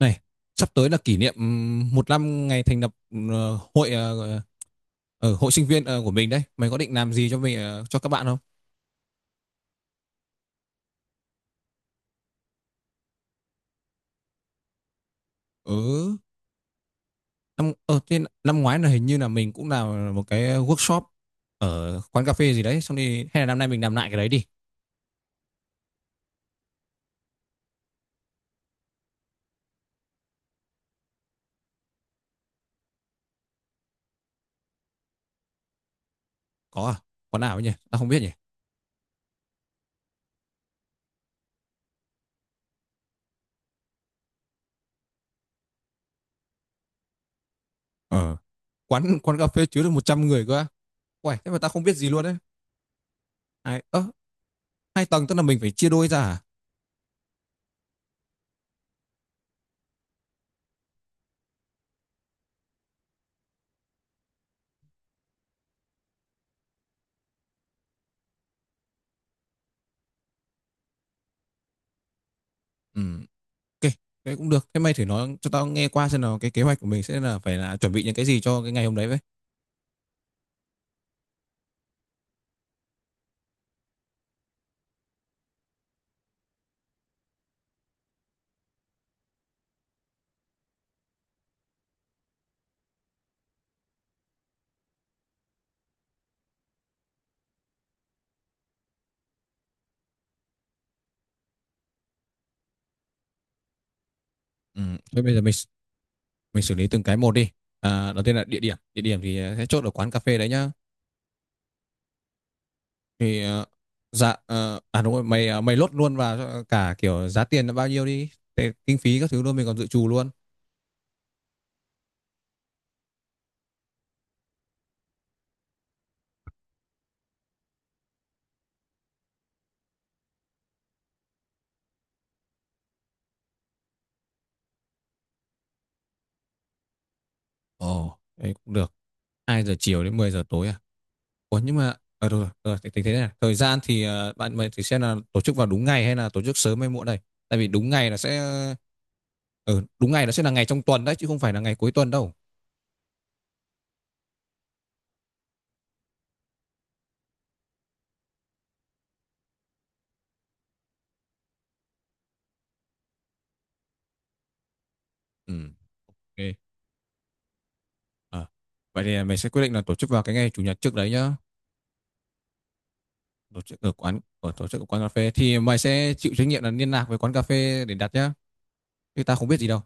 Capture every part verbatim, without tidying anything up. Này, sắp tới là kỷ niệm ừm, một năm ngày thành lập ờ, hội ờ, ờ, hội sinh viên ờ, của mình đấy. Mày có định làm gì cho mình ờ, cho các bạn không? Ừ, năm ờ thế năm ngoái là hình như là mình cũng làm một cái workshop ở quán cà phê gì đấy, xong đi hay là năm nay mình làm lại cái đấy đi. Có à? Quán nào ấy nhỉ? Tao không biết nhỉ. Ờ, quán quán cà phê chứa được một trăm người cơ á. Uầy, thế mà tao không biết gì luôn đấy. Hai ơ, hai tầng tức là mình phải chia đôi ra à? Ừ. Ok, thế cũng được. Thế mày thử nói cho tao nghe qua xem nào cái kế hoạch của mình sẽ là phải là chuẩn bị những cái gì cho cái ngày hôm đấy vậy. Ừ. Thế bây giờ mình mình xử lý từng cái một đi. À, đầu tiên là địa điểm. Địa điểm thì à, sẽ chốt ở quán cà phê đấy nhá. Thì ờ, dạ ờ, à đúng rồi, mày ờ, mày lốt luôn vào cho cả kiểu giá tiền là bao nhiêu đi. Thế, kinh phí các thứ luôn mình còn dự trù luôn. Ồ, đấy cũng được. Hai giờ chiều đến mười giờ tối à? Ủa, nhưng mà ờ được rồi, được rồi, thì tính thế này. này. Thời gian thì ờ, bạn mình thì xem là tổ chức vào đúng ngày hay là tổ chức sớm hay muộn đây. Tại vì đúng ngày là sẽ ừ, đúng ngày nó sẽ là ngày trong tuần đấy chứ không phải là ngày cuối tuần đâu. Ừ. Ok. Ờ. Vậy thì mình sẽ quyết định là tổ chức vào cái ngày chủ nhật trước đấy nhá. Tổ chức ở quán ở tổ chức ở quán cà phê thì mày sẽ chịu trách nhiệm là liên lạc với quán cà phê để đặt nhá. Chứ ta không biết gì đâu.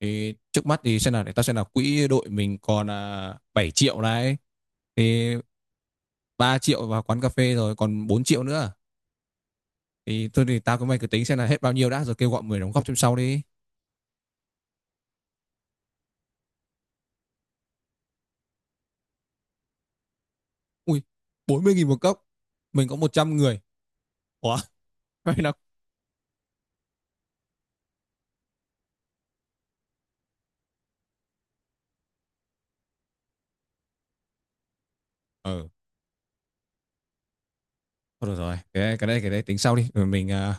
Thì trước mắt thì xem là để ta xem là quỹ đội mình còn à, bảy triệu này, thì ba triệu vào quán cà phê rồi còn bốn triệu nữa. Thì tôi thì tao cứ mày cứ tính xem là hết bao nhiêu đã rồi kêu gọi người đóng góp thêm sau đi. Ui, bốn mươi nghìn một cốc. Mình có một trăm người. Ủa, mày nó ừ, thôi được rồi. Cái cái đây cái đây tính sau đi. Rồi mình uh,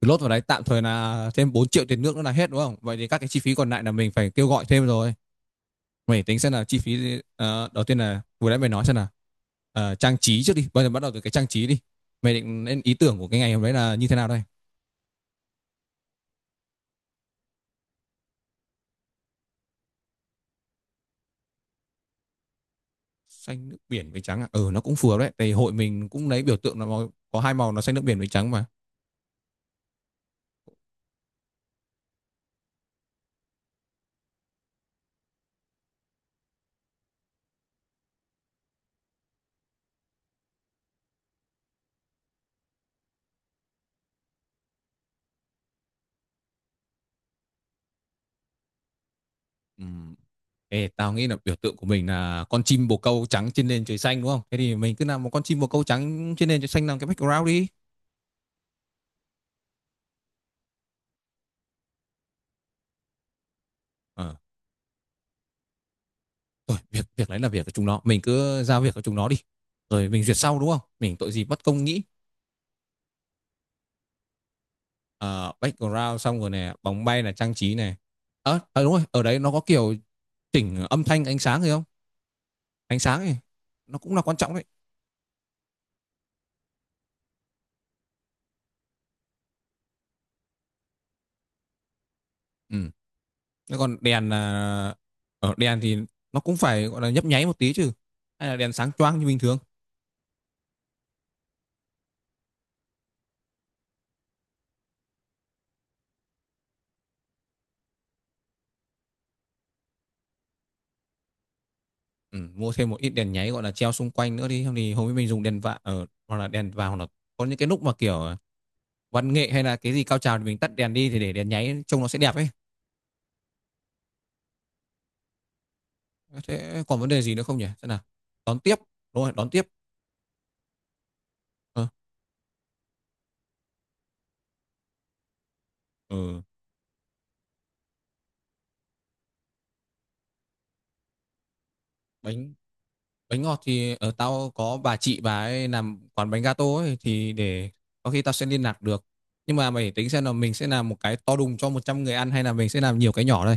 lốt vào đấy tạm thời là thêm bốn triệu tiền nước nữa là hết đúng không? Vậy thì các cái chi phí còn lại là mình phải kêu gọi thêm rồi. Mày tính xem là chi phí ờ, đầu tiên là vừa nãy mày nói xem là ờ, trang trí trước đi. Bây giờ bắt đầu từ cái trang trí đi. Mày định lên ý tưởng của cái ngày hôm đấy là như thế nào đây? Xanh nước biển với trắng à? Ừ, nó cũng phù hợp đấy, tại hội mình cũng lấy biểu tượng là màu, có hai màu nó xanh nước biển với trắng mà. Ừm, Ê, tao nghĩ là biểu tượng của mình là con chim bồ câu trắng trên nền trời xanh đúng không? Thế thì mình cứ làm một con chim bồ câu trắng trên nền trời xanh làm cái background đi. ờ Thôi việc việc đấy là việc của chúng nó, mình cứ giao việc cho chúng nó đi rồi mình duyệt sau đúng không, mình tội gì bất công nghĩ. Ờ, background xong rồi này, bóng bay là trang trí này, ờ à, đúng rồi, ở đấy nó có kiểu chỉnh âm thanh ánh sáng gì không, ánh sáng ấy nó cũng là quan trọng đấy. Ừ. Thế còn đèn là ở đèn thì nó cũng phải gọi là nhấp nháy một tí chứ, hay là đèn sáng choang như bình thường. Ừ, mua thêm một ít đèn nháy gọi là treo xung quanh nữa đi, không thì hôm ấy mình dùng đèn vạ ở hoặc là đèn vào, hoặc là có những cái lúc mà kiểu ờ, văn nghệ hay là cái gì cao trào thì mình tắt đèn đi thì để đèn nháy trông nó sẽ đẹp ấy. Thế còn vấn đề gì nữa không nhỉ, thế nào, đón tiếp, đúng rồi đón tiếp. ờ ừ. bánh Bánh ngọt thì ở tao có bà chị, bà ấy làm quán bánh gato ấy, thì để có khi tao sẽ liên lạc được, nhưng mà mày phải tính xem là mình sẽ làm một cái to đùng cho một trăm người ăn hay là mình sẽ làm nhiều cái nhỏ đây.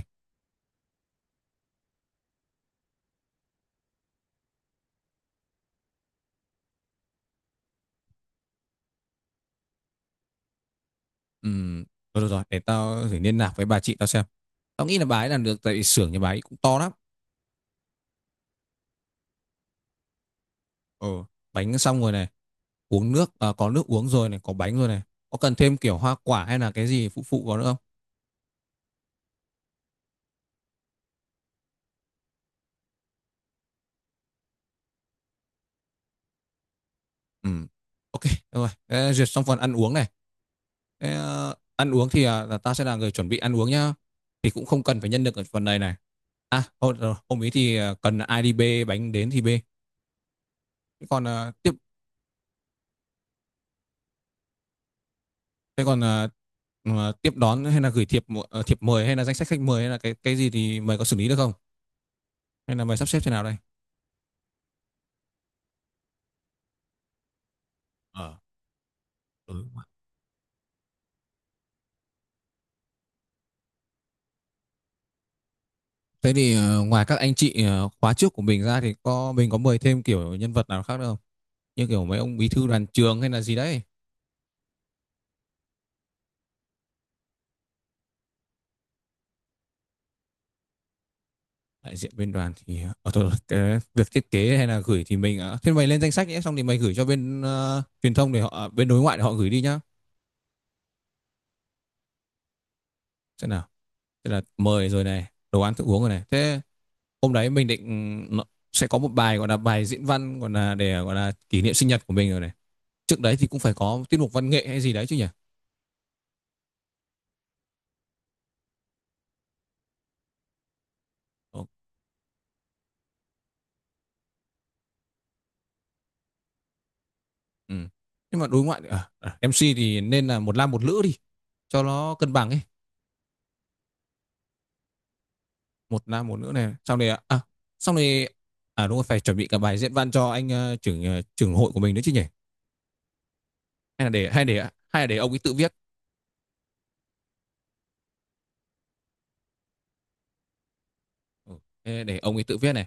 Ừm, rồi rồi rồi, để tao thử liên lạc với bà chị tao xem, tao nghĩ là bà ấy làm được tại vì xưởng nhà bà ấy cũng to lắm. Ừ, bánh xong rồi này, uống nước à, có nước uống rồi này, có bánh rồi này, có cần thêm kiểu hoa quả hay là cái gì phụ phụ vào nữa không? Ừ. Ok, được rồi. Thế duyệt xong phần ăn uống này. Thế, ờ, ăn uống thì à, là ta sẽ là người chuẩn bị ăn uống nhá. Thì cũng không cần phải nhân lực ở phần này này. À, hôm, rồi, hôm ý thì à, cần ai đi bê bánh đến thì bê. Thế còn à, tiếp. Thế còn à, mà tiếp đón hay là gửi thiệp mu- ờ, thiệp mời hay là danh sách khách mời hay là cái cái gì thì mày có xử lý được không? Hay là mày sắp xếp thế nào đây? ờ ừ, đúng rồi. Thế thì ờ, ngoài các anh chị ờ, khóa trước của mình ra thì có mình có mời thêm kiểu nhân vật nào khác nữa không? Như kiểu mấy ông bí thư đoàn trường hay là gì đấy. Đại diện bên đoàn thì ở thôi, cái việc thiết kế hay là gửi thì mình ờ, thế mày lên danh sách nhé, xong thì mày gửi cho bên ờ, truyền thông để họ ờ, bên đối ngoại để họ gửi đi nhá. Thế nào, thế là mời rồi này, đồ ăn thức uống rồi này, thế hôm đấy mình định ừ, sẽ có một bài gọi là bài diễn văn gọi là để gọi là kỷ niệm sinh nhật của mình rồi này, trước đấy thì cũng phải có tiết mục văn nghệ hay gì đấy chứ nhỉ. Ờ, ừ. Nhưng mà đối ngoại à, à, em xê thì nên là một nam một nữ đi cho nó cân bằng ấy. Một nam một nữ này, xong rồi à, xong rồi à, đúng rồi, phải chuẩn bị cả bài diễn văn cho anh ờ, trưởng ờ, trưởng hội của mình nữa chứ nhỉ. hay là để hay để Hay là để ông ấy tự viết. Ừ. Để ông ấy tự viết này.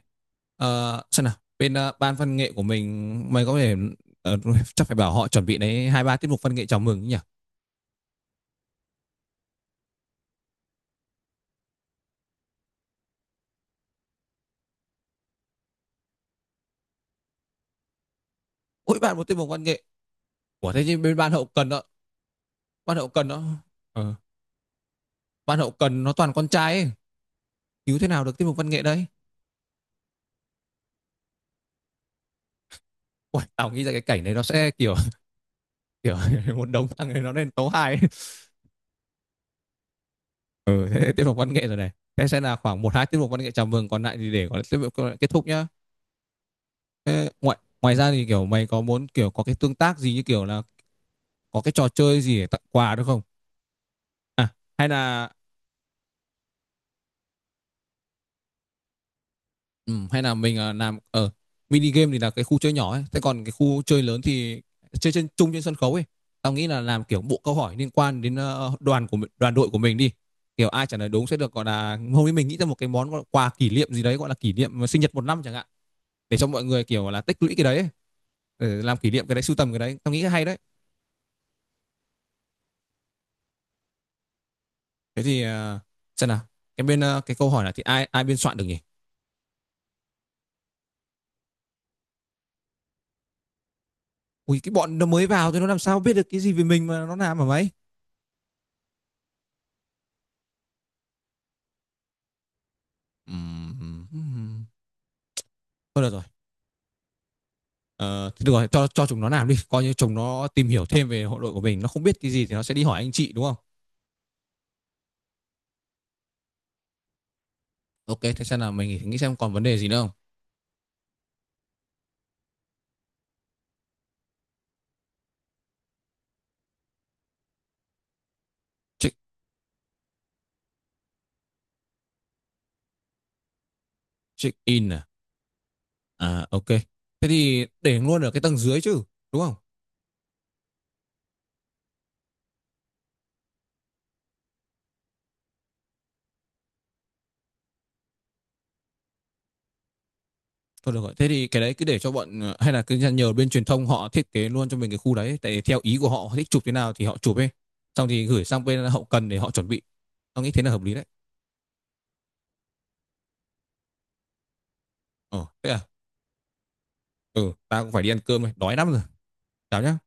Ờ, xem nào bên ờ, ban văn nghệ của mình, mày có thể ờ, chắc phải bảo họ chuẩn bị đấy, hai ba tiết mục văn nghệ chào mừng nhỉ. Mỗi bạn một tiết mục văn nghệ của thế chứ, bên ban hậu cần đó, ban hậu cần đó ờ, ban hậu cần nó toàn con trai ấy, cứu thế nào được tiết mục văn nghệ đấy. Uầy, tao nghĩ ra cái cảnh này nó sẽ kiểu kiểu một đống thằng này nó lên tấu hài. Ừ, thế tiết mục văn nghệ rồi này. Thế sẽ là khoảng một hai tiết mục văn nghệ chào mừng, còn lại thì để có tiết mục kết thúc nhá. Thế ngoài ngoài ra thì kiểu mày có muốn kiểu có cái tương tác gì như kiểu là có cái trò chơi gì để tặng quà được không? À, hay là ừ, hay là mình ờ, làm ở mini game thì là cái khu chơi nhỏ ấy, thế còn cái khu chơi lớn thì chơi trên chung trên sân khấu ấy. Tao nghĩ là làm kiểu bộ câu hỏi liên quan đến ờ, đoàn của mình- đoàn đội của mình đi. Kiểu ai trả lời đúng sẽ được gọi là hôm nay mình nghĩ ra một cái món gọi là quà kỷ niệm gì đấy gọi là kỷ niệm sinh nhật một năm chẳng hạn, để cho mọi người kiểu là tích lũy cái đấy ấy, để làm kỷ niệm cái đấy, sưu tầm cái đấy, tao nghĩ hay đấy. Thế thì ờ, xem nào cái bên ờ, cái câu hỏi là thì ai ai biên soạn được nhỉ. Ui cái bọn nó mới vào thì nó làm sao biết được cái gì về mình mà nó làm mà mấy. Thôi được rồi. Ờ, thì được rồi cho cho chúng nó làm đi, coi như chúng nó tìm hiểu thêm về hội đội của mình, nó không biết cái gì thì nó sẽ đi hỏi anh chị đúng không. Ok, thế xem nào mình nghĩ xem còn vấn đề gì nữa không. Check Check in à, à ok, thế thì để luôn ở cái tầng dưới chứ, đúng không? Thôi được rồi. Thế thì cái đấy cứ để cho bọn ờ, hay là cứ nhờ bên truyền thông họ thiết kế luôn cho mình cái khu đấy. Tại theo ý của họ, họ thích chụp thế nào thì họ chụp ấy. Xong thì gửi sang bên hậu cần để họ chuẩn bị. Tao nghĩ thế là hợp lý đấy. Ờ, thế à? Ừ, tao cũng phải đi ăn cơm rồi. Đói lắm rồi. Chào nhá.